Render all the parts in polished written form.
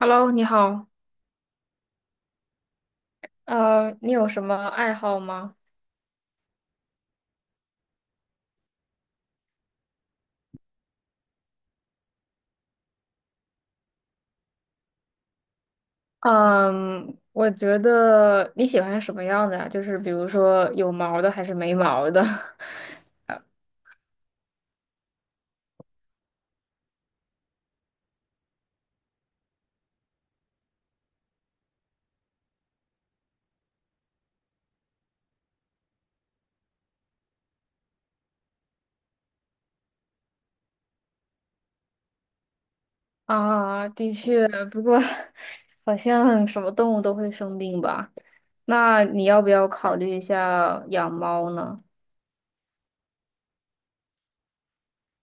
Hello，你好。你有什么爱好吗？嗯，我觉得你喜欢什么样的呀？就是比如说有毛的还是没毛的？啊，的确，不过好像什么动物都会生病吧？那你要不要考虑一下养猫呢？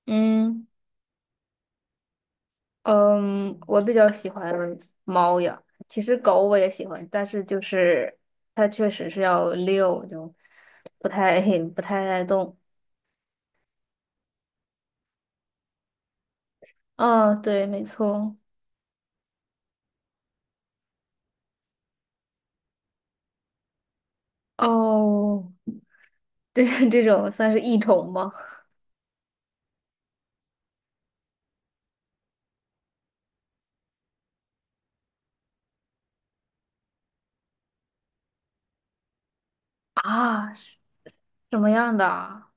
嗯嗯，我比较喜欢猫呀。其实狗我也喜欢，但是就是它确实是要遛，就不太 不太爱动。哦，对，没错。哦，这 这种算是异虫吗？啊，是什么样的啊？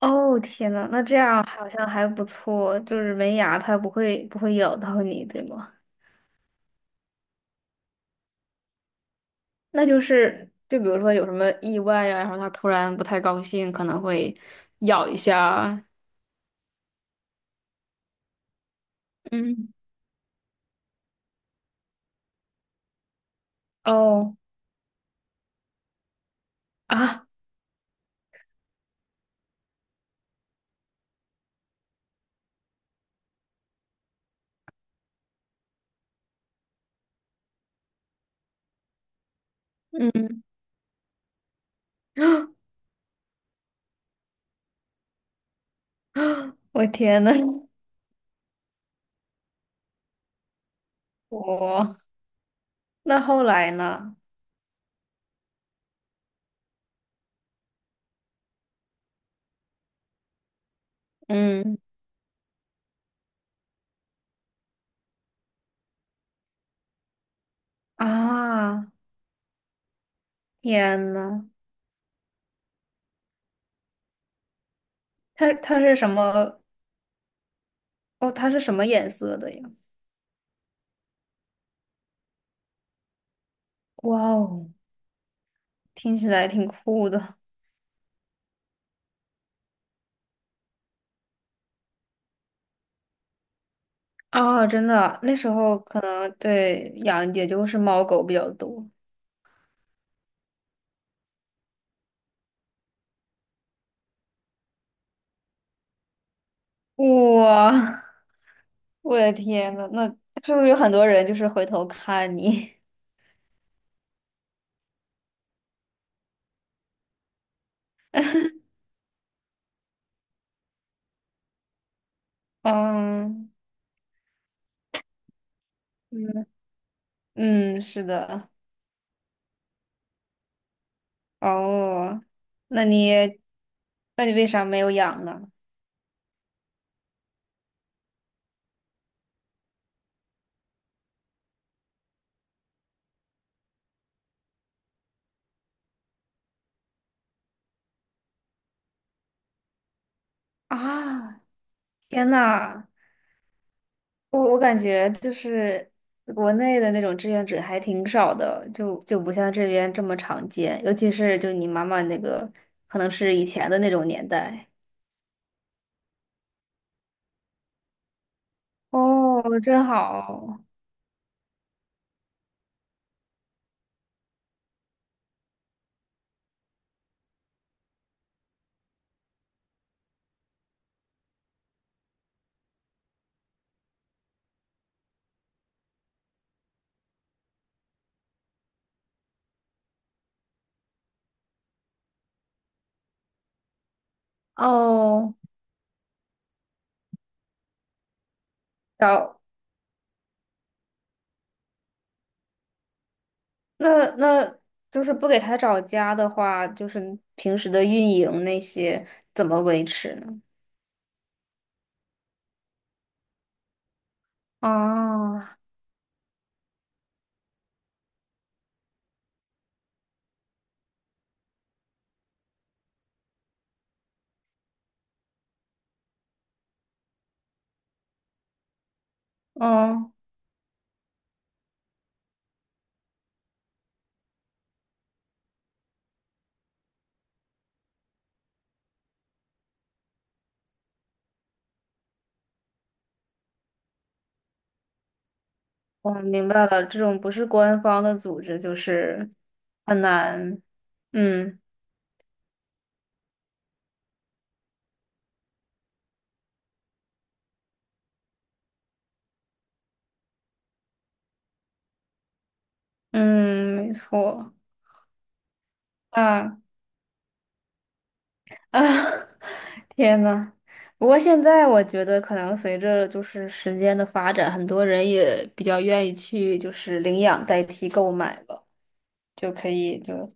哦，天呐，那这样好像还不错，就是没牙，它不会咬到你，对吗？那就是，就比如说有什么意外呀、然后它突然不太高兴，可能会咬一下。嗯，哦，啊 嗯，我天呐，我那后来呢？嗯，啊，天呐。它是什么？哦，它是什么颜色的呀？哇哦，听起来挺酷的啊！真的啊，那时候可能对养也就是猫狗比较多。哇 我的天呐，那是不是有很多人就是回头看你？嗯嗯嗯，是的。哦，那你那你为啥没有养呢？啊，天呐！我感觉就是国内的那种志愿者还挺少的，就不像这边这么常见，尤其是就你妈妈那个，可能是以前的那种年代。哦，真好。哦，找那那就是不给他找家的话，就是平时的运营那些怎么维持呢？啊，嗯，我明白了，这种不是官方的组织，就是很难，嗯。嗯，没错。啊啊，天呐，不过现在我觉得，可能随着就是时间的发展，很多人也比较愿意去就是领养代替购买了，就可以就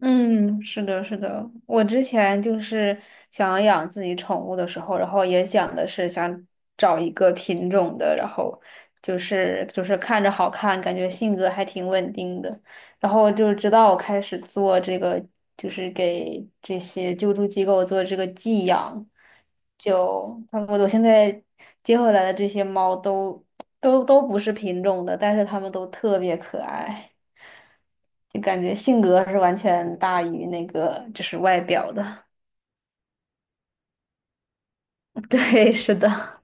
嗯，是的，是的。我之前就是想养自己宠物的时候，然后也想的是想找一个品种的，然后就是看着好看，感觉性格还挺稳定的。然后就是直到我开始做这个，就是给这些救助机构做这个寄养，就他们我现在接回来的这些猫都不是品种的，但是它们都特别可爱。就感觉性格是完全大于那个就是外表的。对，是的，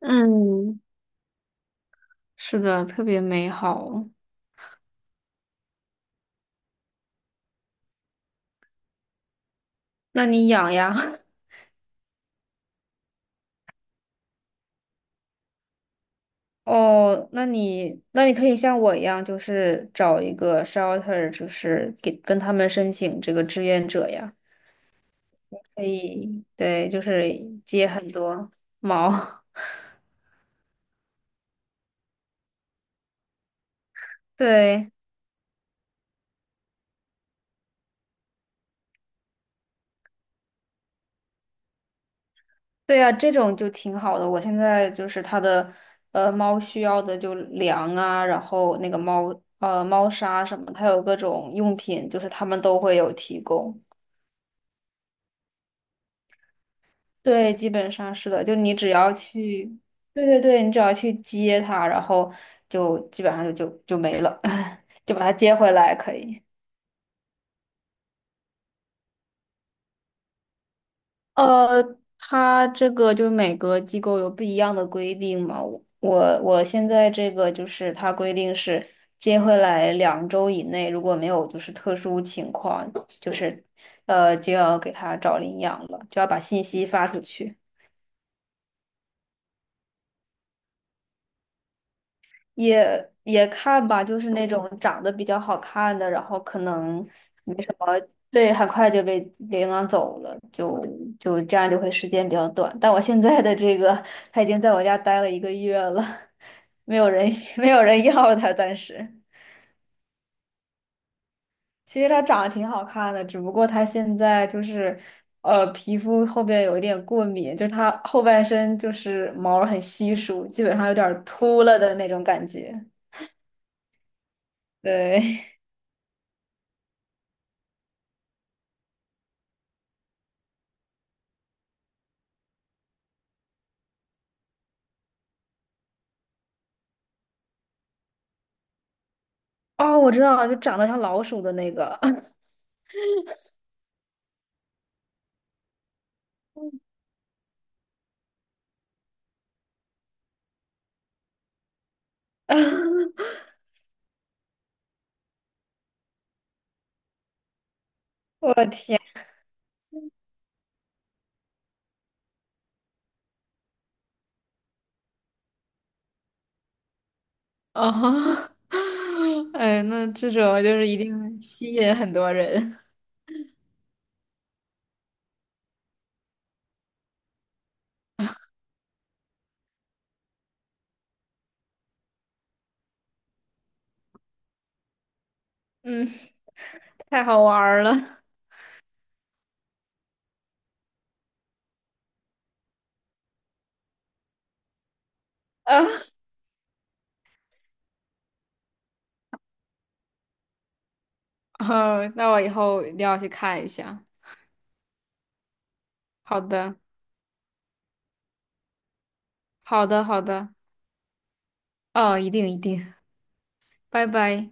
嗯，是的，特别美好。那你养呀？哦，那你可以像我一样，就是找一个 shelter，就是给跟他们申请这个志愿者呀。可以，对，就是接很多毛。对。对呀，这种就挺好的。我现在就是它的，猫需要的就粮啊，然后那个猫，猫砂什么，它有各种用品，就是他们都会有提供。对，基本上是的，就你只要去，对对对，你只要去接它，然后就基本上就没了，就把它接回来可以。呃，它这个就是每个机构有不一样的规定嘛。我现在这个就是它规定是接回来2周以内，如果没有就是特殊情况，就是就要给他找领养了，就要把信息发出去。也看吧，就是那种长得比较好看的，然后可能没什么，对，很快就被领养走了，就这样就会时间比较短。但我现在的这个，他已经在我家待了1个月了，没有人 没有人要他，暂时。其实他长得挺好看的，只不过他现在就是，皮肤后边有一点过敏，就是他后半身就是毛儿很稀疏，基本上有点儿秃了的那种感觉。对。哦，我知道了，就长得像老鼠的那个。我的天，啊 哎，那这种就是一定会吸引很多人。嗯，太好玩儿了。啊，哦，那我以后一定要去看一下。好的，好的，好的。哦，一定一定，拜拜。